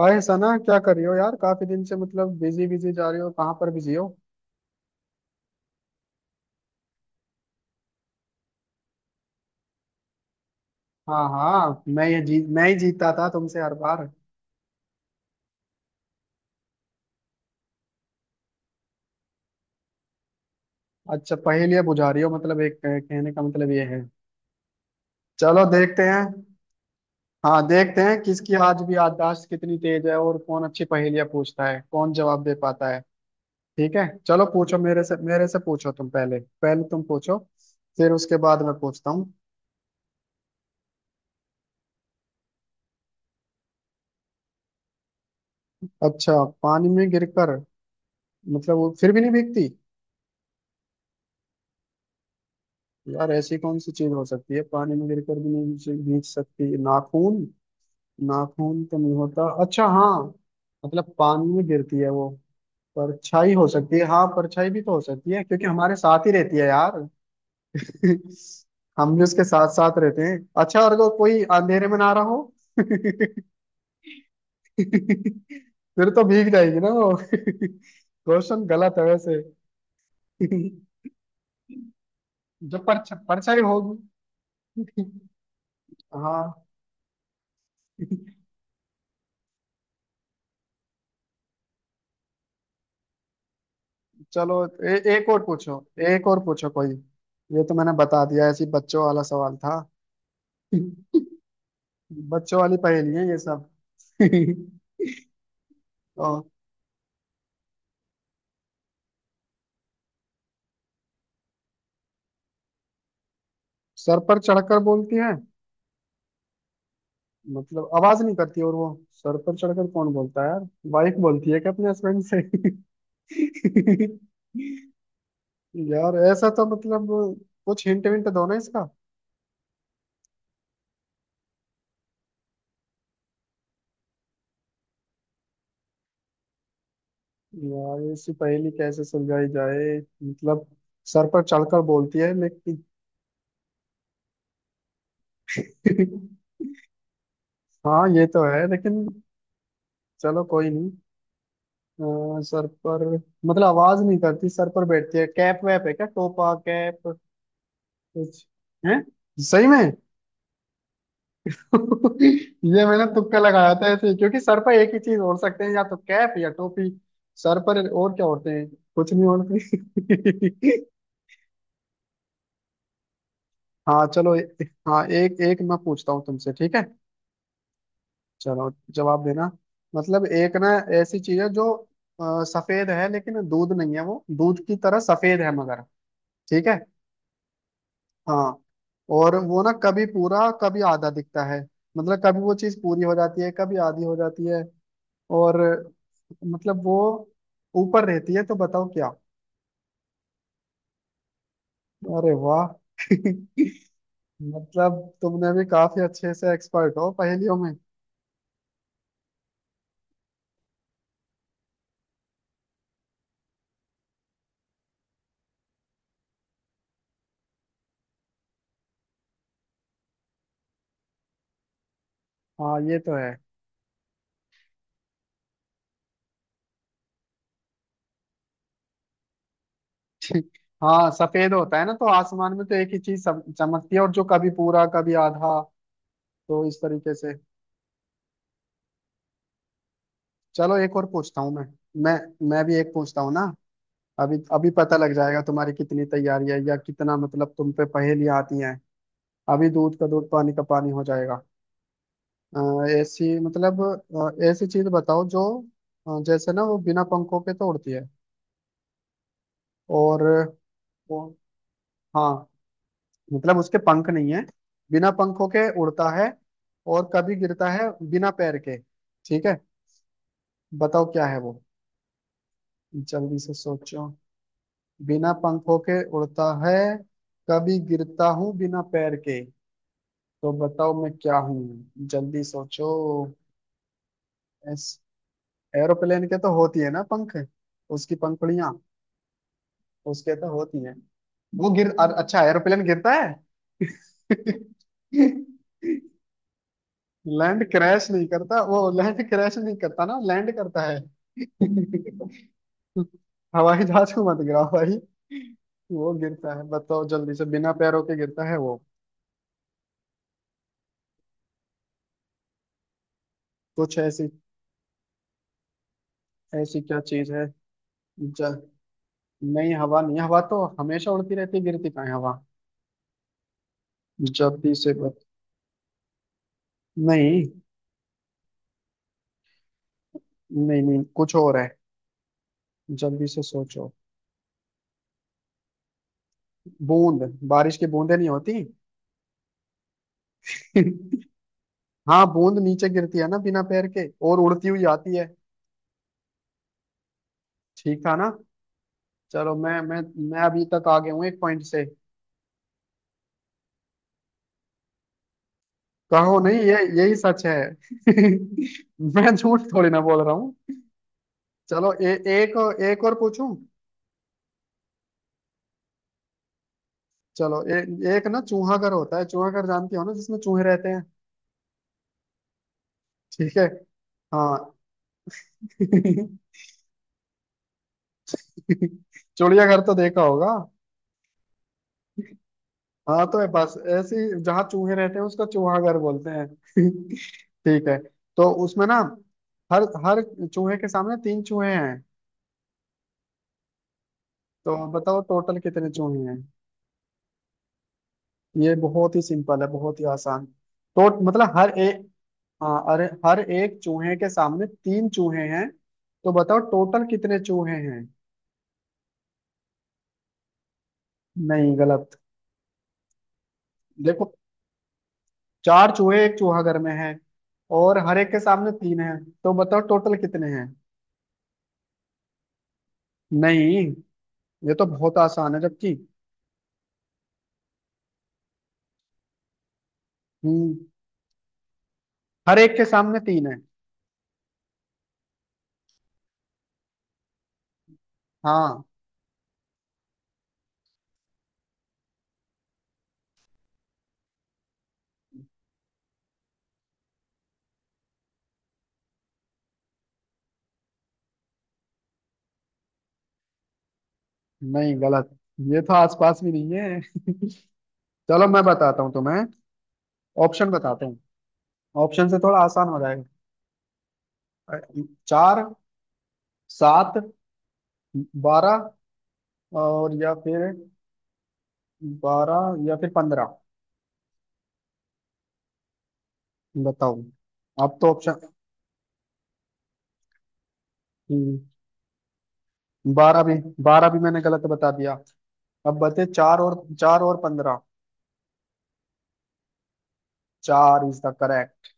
हाय सना, क्या कर रही हो यार। काफी दिन से मतलब बिजी बिजी जा रही हो, कहाँ पर बिजी हो। हाँ हाँ, मैं ही जीतता था तुमसे हर बार। अच्छा, पहेलियां बुझा रही हो मतलब, एक कहने का मतलब ये है। चलो देखते हैं। हाँ, देखते हैं किसकी आज भी याददाश्त कितनी तेज है और कौन अच्छी पहेलियां पूछता है, कौन जवाब दे पाता है। ठीक है चलो, पूछो मेरे से पूछो, तुम पहले पहले तुम पूछो। फिर उसके बाद मैं पूछता हूँ। अच्छा, पानी में गिरकर मतलब वो फिर भी नहीं भीगती। यार ऐसी कौन सी चीज हो सकती है पानी में गिरकर भी नहीं भीग भीग सकती। नाखून? नाखून तो नहीं होता। अच्छा हाँ, मतलब पानी में गिरती है वो। परछाई हो सकती है, हाँ परछाई भी तो हो सकती है क्योंकि हमारे साथ ही रहती है यार। हम भी उसके साथ साथ रहते हैं। अच्छा, और अगर कोई अंधेरे में ना रहा हो। फिर तो भीग जाएगी ना वो। क्वेश्चन गलत है वैसे। जब परछाई होगी। हाँ, चलो एक और पूछो, एक और पूछो कोई। ये तो मैंने बता दिया, ऐसी बच्चों वाला सवाल था। बच्चों वाली पहेली है ये सब। और सर पर चढ़कर बोलती है मतलब आवाज नहीं करती, और वो सर पर चढ़कर कौन बोलता है यार। वाइफ बोलती है क्या अपने हस्बैंड से? यार ऐसा तो मतलब, कुछ हिंट विंट दो ना इसका। यार ऐसी पहेली कैसे सुलझाई जाए मतलब, सर पर चढ़कर बोलती है लेकिन। हाँ ये तो है लेकिन, चलो कोई नहीं। सर पर, मतलब आवाज नहीं करती, सर पर बैठती है। कैप वैप है क्या, टोपा कैप, कुछ है सही में। ये मैंने तुक्का लगाया था ऐसे ही, क्योंकि सर पर एक ही चीज ओढ़ सकते हैं, या तो कैप या टोपी। सर पर और क्या ओढ़ते हैं, कुछ नहीं ओढ़ते। हाँ, चलो हाँ, एक एक मैं पूछता हूँ तुमसे, ठीक है। चलो, जवाब देना मतलब, एक ना ऐसी चीज है जो सफेद है लेकिन दूध नहीं है, वो दूध की तरह सफेद है मगर, ठीक है। हाँ, और वो ना कभी पूरा कभी आधा दिखता है, मतलब कभी वो चीज पूरी हो जाती है कभी आधी हो जाती है, और मतलब वो ऊपर रहती है, तो बताओ क्या। अरे वाह। मतलब तुमने भी काफी अच्छे से, एक्सपर्ट हो पहेलियों में। हाँ ये तो है। हाँ सफेद होता है ना, तो आसमान में तो एक ही चीज चमकती है और जो कभी पूरा कभी आधा, तो इस तरीके से। चलो एक और पूछता हूँ मैं, मैं मैं भी एक पूछता हूँ ना। अभी अभी पता लग जाएगा तुम्हारी कितनी तैयारी है या कितना मतलब तुम पे पहेलियां आती हैं। अभी दूध का दूध पानी का पानी हो जाएगा। ऐसी मतलब, ऐसी चीज बताओ जो जैसे ना वो बिना पंखों के तो उड़ती है, और वो, हाँ मतलब उसके पंख नहीं है। बिना पंखों के उड़ता है और कभी गिरता है बिना पैर के, ठीक है। बताओ क्या है वो, जल्दी से सोचो। बिना पंखों के उड़ता है, कभी गिरता हूँ बिना पैर के, तो बताओ मैं क्या हूँ। जल्दी सोचो। इस एरोप्लेन के तो होती है ना पंख, उसकी पंखुड़ियाँ, उसके तो होती हैं। वो अच्छा एरोप्लेन गिरता है? लैंड, क्रैश नहीं करता वो, लैंड क्रैश नहीं करता ना, लैंड करता है। हवाई जहाज को मत गिराओ भाई, वो गिरता है बताओ जल्दी से, बिना पैरों के गिरता है वो, कुछ ऐसी, ऐसी क्या चीज है। जल नहीं, हवा नहीं, हवा तो हमेशा उड़ती रहती है, गिरती कहाँ है हवा। जल्दी से बत... नहीं, नहीं नहीं कुछ और है, जल्दी से सोचो। बूंद, बारिश की बूंदें नहीं होती? हाँ बूंद नीचे गिरती है ना बिना पैर के, और उड़ती हुई आती है। ठीक था ना। चलो मैं अभी तक आगे हूँ एक पॉइंट से। कहो नहीं, ये यही सच है। मैं झूठ थोड़ी ना बोल रहा हूँ। चलो एक एक और पूछूं। चलो एक ना चूहा घर होता है, चूहा घर जानती हो ना, जिसमें चूहे रहते हैं, ठीक है। हाँ। चिड़ियाघर तो देखा होगा। हाँ तो बस ऐसी, जहाँ चूहे रहते हैं उसका चूहाघर बोलते हैं। ठीक है। तो उसमें ना, हर हर चूहे के सामने तीन चूहे हैं, तो बताओ टोटल कितने चूहे हैं। ये बहुत ही सिंपल है, बहुत ही आसान। तो मतलब हर एक, हाँ अरे हर एक चूहे के सामने तीन चूहे हैं, तो बताओ टोटल कितने चूहे हैं। नहीं गलत। देखो, चार चूहे एक चूहा घर में है, और हर एक के सामने तीन है, तो बताओ टोटल कितने हैं। नहीं, ये तो बहुत आसान है जबकि। हम्म, हर एक के सामने तीन है, हाँ। नहीं गलत, ये तो आसपास भी नहीं है। चलो मैं बताता हूँ तुम्हें, ऑप्शन बताता हूँ, ऑप्शन से थोड़ा आसान हो जाएगा। अ, चार, सात, 12, और या फिर, 12 या फिर 15, बताओ। अब तो ऑप्शन, बारह भी बारह भी मैंने गलत बता दिया, अब बते चार और 15। चार इज द करेक्ट।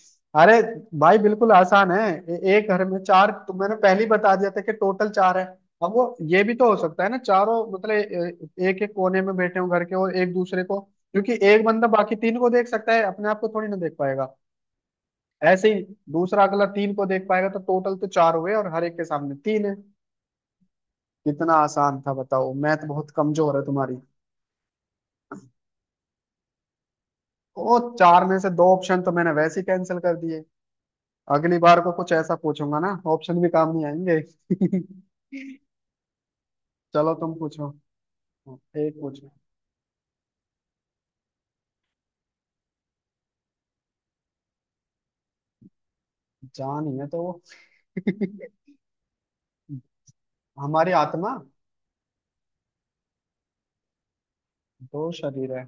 अरे भाई बिल्कुल आसान है। एक घर में चार, तो मैंने पहले ही बता दिया था कि टोटल चार है। अब वो, ये भी तो हो सकता है ना, चारों मतलब एक एक कोने में बैठे हो घर के, और एक दूसरे को, क्योंकि एक बंदा बाकी तीन को देख सकता है, अपने आप को थोड़ी ना देख पाएगा। ऐसे ही, दूसरा अगला तीन को देख पाएगा, तो टोटल तो चार हुए और हर एक के सामने तीन है। कितना आसान था बताओ, मैथ बहुत कमजोर है तुम्हारी। ओ, चार में से दो ऑप्शन तो मैंने वैसे ही कैंसिल कर दिए। अगली बार को कुछ ऐसा पूछूंगा ना, ऑप्शन भी काम नहीं आएंगे। चलो तुम पूछो, एक पूछो। जान ही है तो वो। हमारी आत्मा। दो शरीर है,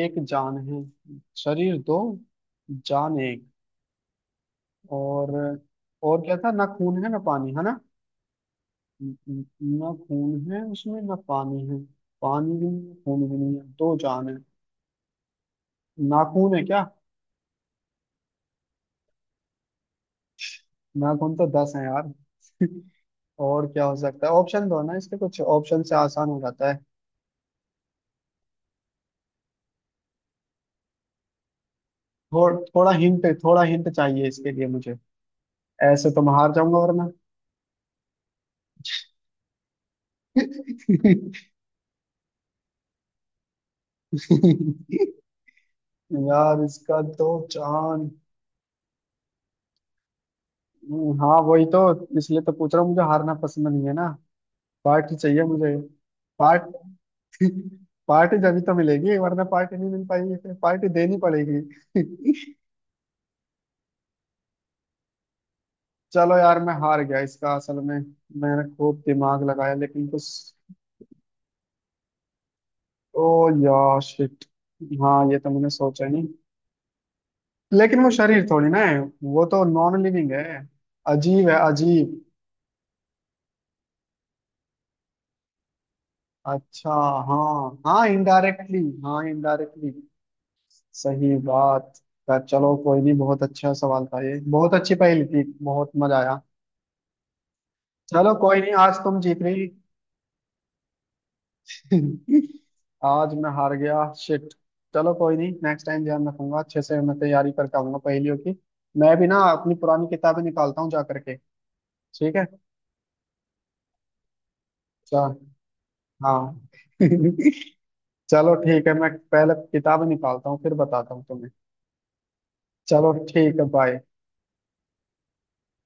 एक जान है। शरीर दो, जान एक, और और क्या था, ना खून है ना पानी है ना, न- न- ना खून है उसमें ना पानी है। पानी भी नहीं है, खून भी नहीं है, दो जान है, नाखून है क्या। नाखून तो 10 है यार। और क्या हो सकता है, ऑप्शन दो ना इसके, कुछ ऑप्शन से आसान हो जाता है। थोड़ा हिंट, थोड़ा हिंट चाहिए इसके लिए मुझे, ऐसे तो मैं हार जाऊंगा वरना। यार इसका तो चांद। हाँ वही तो, इसलिए तो पूछ रहा हूँ, मुझे हारना पसंद नहीं है ना। पार्टी चाहिए मुझे। पार्ट पार्टी जब ही तो मिलेगी, वरना पार्टी नहीं मिल पाएगी, फिर पार्टी देनी पड़ेगी। चलो यार मैं हार गया इसका, असल में मैंने खूब दिमाग लगाया लेकिन कुछ, ओ यार शिट। हाँ ये तो मैंने सोचा ही नहीं। लेकिन वो शरीर थोड़ी ना है, वो तो नॉन लिविंग है। अजीब है अजीब। अच्छा, हाँ हाँ इनडायरेक्टली, हाँ इनडायरेक्टली, सही बात। पर चलो कोई नहीं, बहुत अच्छा सवाल था ये, बहुत अच्छी पहेली थी, बहुत मजा आया। चलो कोई नहीं, आज तुम जीत रही। आज मैं हार गया, शिट। चलो कोई नहीं, नेक्स्ट टाइम ध्यान रखूंगा, अच्छे से मैं तैयारी करके आऊंगा पहेलियों की। मैं भी ना अपनी पुरानी किताबें निकालता हूँ जा करके। ठीक है। चा- हाँ। चलो ठीक है, मैं पहले किताब निकालता हूँ फिर बताता हूँ तुम्हें। चलो ठीक है, बाय।